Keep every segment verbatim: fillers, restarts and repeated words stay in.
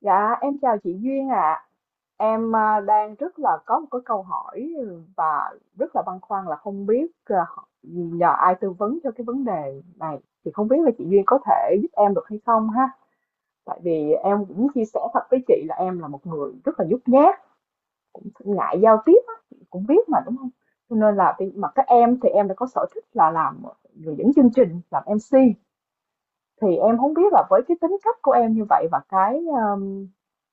Dạ, em chào chị Duyên ạ. Em à, đang rất là có một cái câu hỏi và rất là băn khoăn là không biết à, nhờ ai tư vấn cho cái vấn đề này. Thì không biết là chị Duyên có thể giúp em được hay không ha. Tại vì em cũng chia sẻ thật với chị là em là một người rất là nhút nhát, ngại giao tiếp á, chị cũng biết mà đúng không? Cho nên là khi- mà các em thì em đã có sở thích là làm ờ, người dẫn chương trình, làm em xê thì em không biết là với cái tính cách của em như vậy và cái, ờm,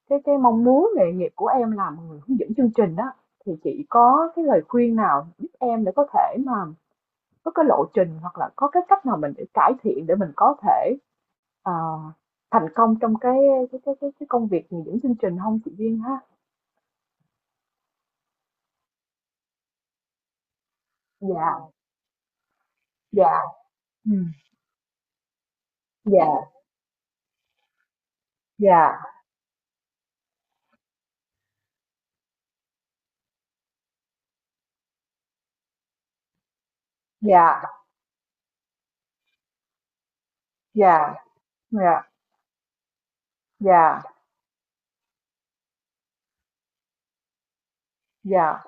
cái cái mong muốn nghề nghiệp của em làm một người hướng dẫn chương trình đó thì chị có cái lời khuyên nào giúp em để có thể mà có cái lộ trình hoặc là có cái cách nào mình để cải thiện để mình có thể, ờ, thành công trong cái cái cái cái cái công việc hướng dẫn chương trình không chị Duyên ha? Dạ, dạ, ừm, dạ, dạ, dạ, dạ, dạ, dạ, dạ,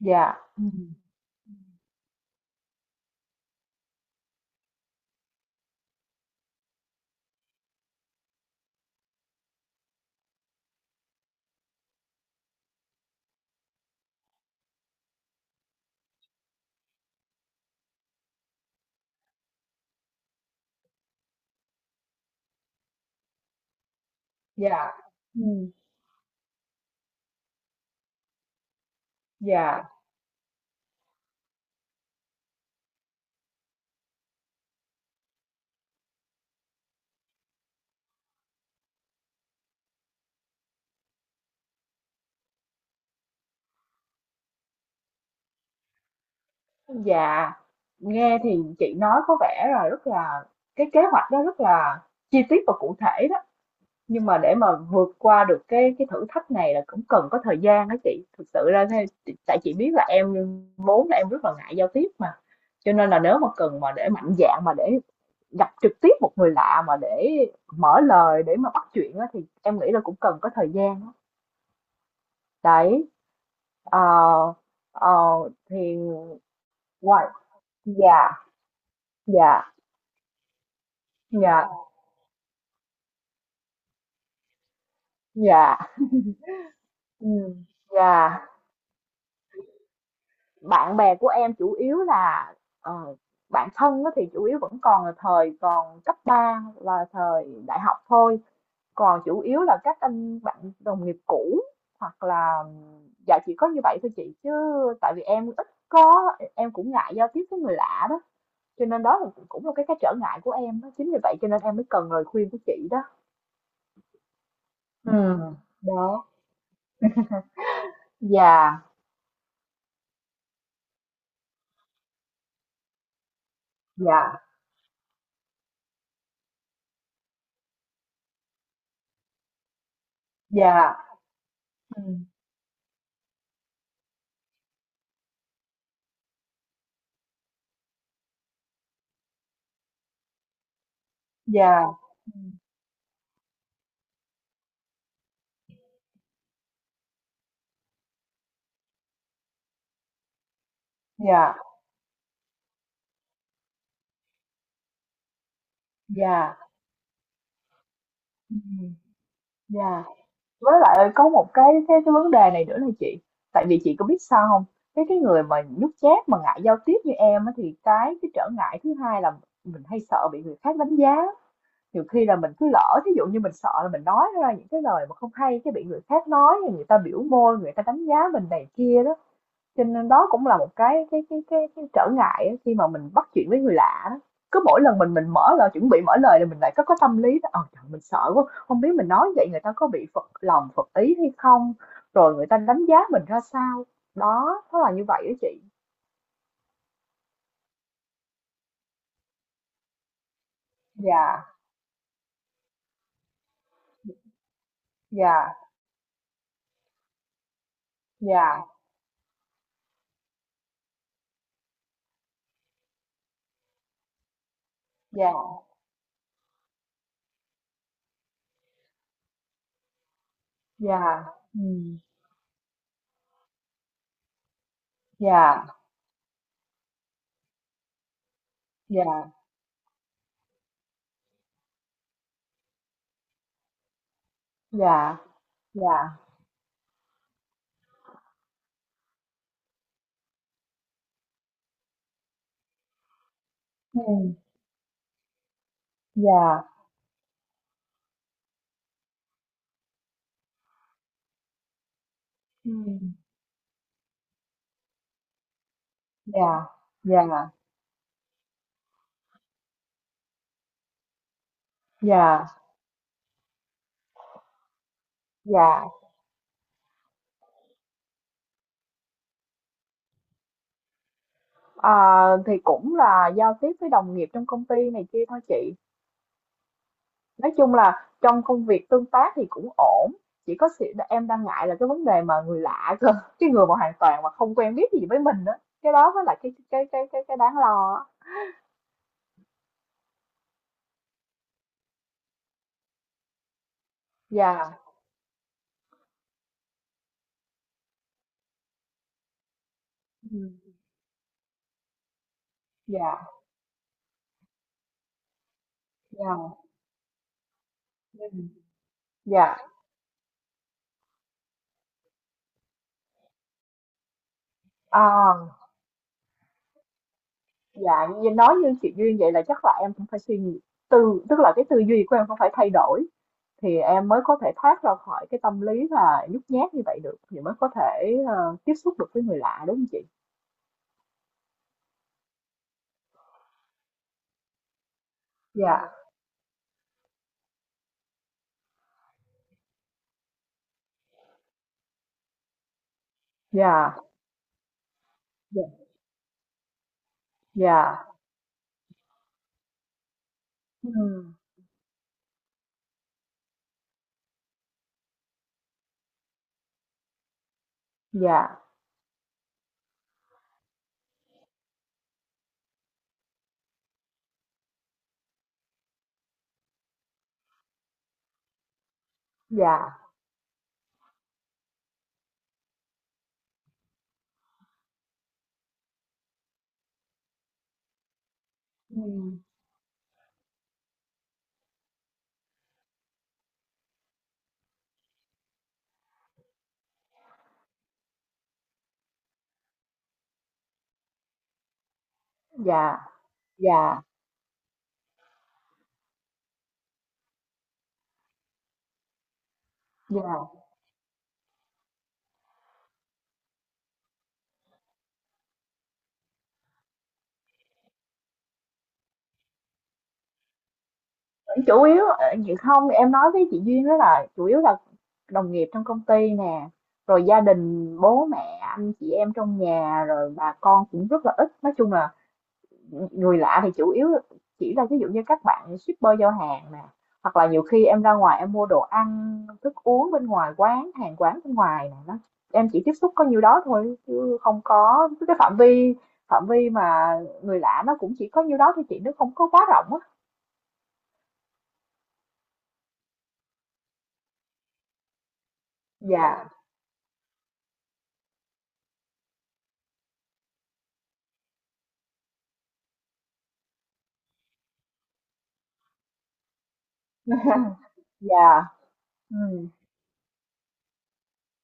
dạ, ừm, dạ, ừm, dạ. Dạ, nghe thì chị nói có vẻ là rất là cái kế hoạch đó rất là chi tiết và cụ thể đó. Nhưng mà để mà vượt qua được cái cái thử thách này là cũng cần có thời gian đó chị. Thực sự ra thế- chị- tại chị biết là em vốn là em rất là ngại giao tiếp mà. Cho nên là nếu mà cần mà để mạnh dạn mà để gặp trực tiếp một người lạ mà để mở lời để mà bắt chuyện á, thì em nghĩ là cũng cần có thời gian đó. Đấy ờ, ờ, thì ngoài Dạ, dạ, dạ. Dạ, ừm, dạ. Bạn bè của em chủ yếu là, ờ, bạn thân á thì chủ yếu vẫn còn là thời còn cấp ba và thời đại học thôi, còn chủ yếu là các anh bạn đồng nghiệp cũ hoặc là dạ chỉ có như vậy thôi chị, chứ tại vì em ít có em cũng ngại giao tiếp với người lạ đó, cho nên đó là cũng là cái cái trở ngại của em đó, chính vì vậy cho nên em mới cần lời khuyên của chị đó. Ừm, đó, dạ, dạ, dạ, ừm, dạ. Dạ, dạ, ừm, dạ. Với lại có một cái cái cái vấn đề này nữa là chị, tại vì chị có biết sao không. Cái cái người mà nhút nhát mà ngại giao tiếp như em á, thì cái cái trở ngại thứ hai là mình hay sợ bị người khác đánh giá. Nhiều khi là mình cứ lỡ, ví dụ như mình sợ là mình nói ra những cái lời mà không hay, cái bị người khác nói, rồi người ta biểu môi, người ta đánh giá mình này kia đó. Cho nên đó cũng là một cái cái cái cái cái trở ngại á, khi mà mình bắt chuyện với người lạ đó. Cứ mỗi lần mình mình mở lời chuẩn bị mở lời là mình lại có có tâm lý đó, ờ trời mình sợ quá, không biết mình nói vậy người ta có bị phật lòng phật ý hay không, rồi người ta đánh giá mình ra sao. Đó, nó là như vậy đó chị. Dạ, dạ, dạ, dạ, dạ. Ừ, dạ, dạ, dạ, dạ. Ừ, dạ. Ừ, dạ, dạ, dạ, dạ. À, thì cũng là giao tiếp với đồng nghiệp trong công ty này kia thôi chị, nói chung là trong công việc tương tác thì cũng ổn, chỉ có sự em đang ngại là cái vấn đề mà người lạ cơ cái người mà hoàn toàn mà không quen biết gì với mình đó, cái đó mới là cái cái cái cái cái đáng lo á. Dạ. Ừ. Dạ, dạ, ừ, dạ, à, dạ như nói như chị Duyên vậy là chắc là em cũng phải suy nghĩ, tư tức là cái tư duy của em cũng phải thay đổi thì em mới có thể thoát ra khỏi cái tâm lý là nhút nhát như vậy được thì mới có thể ờ, tiếp xúc được với người lạ đúng không chị? Dạ, dạ, dạ, dạ, ừ, dạ, dạ, ừ, dạ, dạ, dạ. Chủ yếu ờ, chị không em nói với chị Duyên đó là chủ yếu là đồng nghiệp trong công ty nè, rồi gia đình bố mẹ anh chị em trong nhà rồi bà con cũng rất là ít. Nói chung là người lạ thì chủ yếu chỉ là ví dụ như các bạn shipper giao hàng nè, hoặc là nhiều khi em ra ngoài em mua đồ ăn thức uống bên ngoài quán hàng quán bên ngoài nè đó, em chỉ tiếp xúc có nhiêu đó thôi chứ không có cái phạm vi phạm vi mà người lạ nó cũng chỉ có nhiêu đó thôi chị, nó không có quá rộng á. Dạ, dạ, ừ.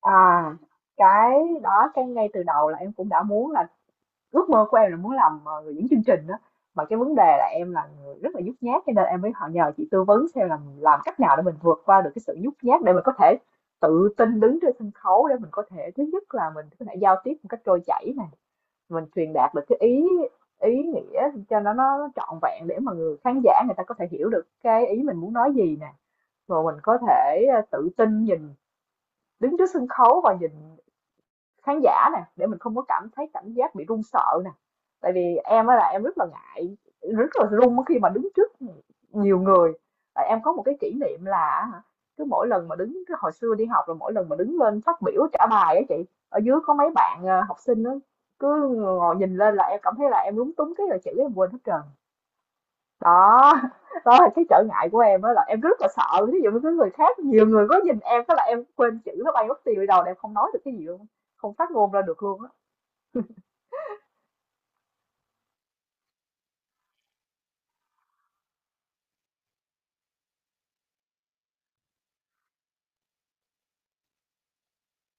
À, cái đó cái ngay từ đầu là em cũng đã muốn là. Ước mơ của em là muốn làm, ờ, người dẫn chương trình đó, mà cái vấn đề là em là người rất là nhút nhát cho nên em mới họ nhờ chị tư vấn xem là làm cách nào để mình vượt qua được cái sự nhút nhát để mình có thể tự tin đứng trên sân khấu để mình có thể thứ nhất là mình có thể giao tiếp một cách trôi chảy này, mình truyền đạt được cái ý ý nghĩa cho nó nó trọn vẹn để mà người khán giả người ta có thể hiểu được cái ý mình muốn nói gì nè, rồi mình có thể ờ, tự tin nhìn đứng trước sân khấu và nhìn khán giả nè, để mình không có cảm thấy cảm giác bị run sợ nè. Tại vì em á là em rất là ngại, rất là run khi mà đứng trước nhiều người. Tại em có một cái kỷ niệm là cứ mỗi lần mà đứng cái hồi xưa đi học là mỗi lần mà đứng lên phát biểu trả bài á chị, ở dưới có mấy bạn ờ, học sinh đó cứ ngồi nhìn lên là em cảm thấy là em lúng túng cái là chữ em quên hết trơn. Đó, đó là cái trở ngại của em, đó là em rất là sợ ví dụ như cái người khác nhiều người có nhìn em cái là em quên chữ nó bay mất tiêu đi đầu là em không nói được cái gì luôn, không phát ngôn ra được luôn á.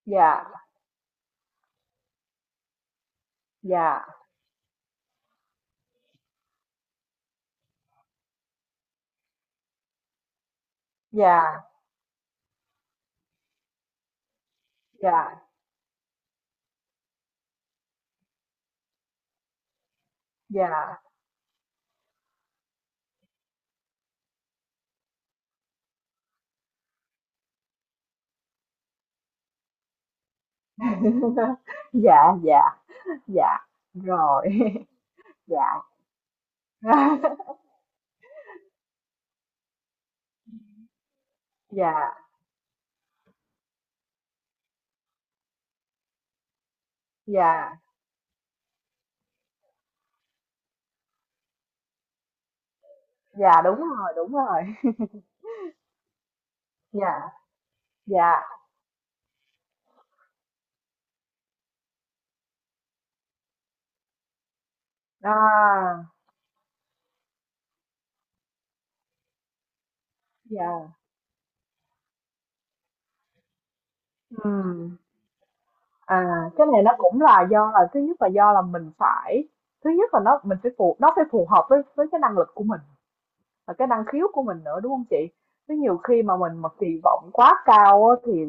Dạ, dạ, dạ, dạ, dạ. Dạ, dạ, dạ, rồi. Dạ. Dạ, dạ, dạ, đúng rồi, đúng rồi. Dạ, dạ, à, dạ, ừ. À, cái này nó cũng là do là thứ nhất là do là mình phải thứ nhất là nó mình phải phù nó phải phù hợp với với cái năng lực của mình và cái năng khiếu của mình nữa đúng không chị? Chứ nhiều khi mà mình mà kỳ vọng quá cao á, thì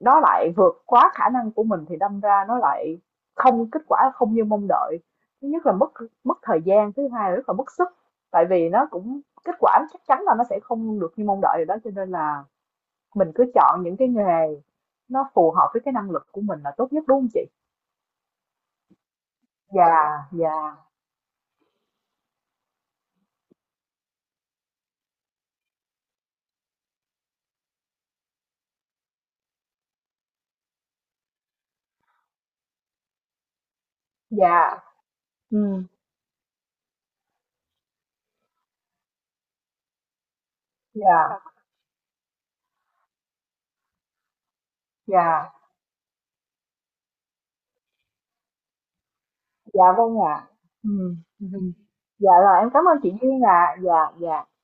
nó lại vượt quá khả năng của mình thì đâm ra nó lại không kết quả không như mong đợi. Thứ nhất là mất mất thời gian, thứ hai là rất là mất sức. Tại vì nó cũng kết quả chắc chắn là nó sẽ không được như mong đợi rồi đó cho nên là mình cứ chọn những cái nghề nó phù hợp với cái năng lực của mình là tốt nhất đúng không chị? Dạ, dạ, dạ, ừm, dạ, dạ, dạ, vâng ạ. Ừm, ừm, dạ, rồi, em cảm ơn chị Duyên ạ. Dạ, dạ.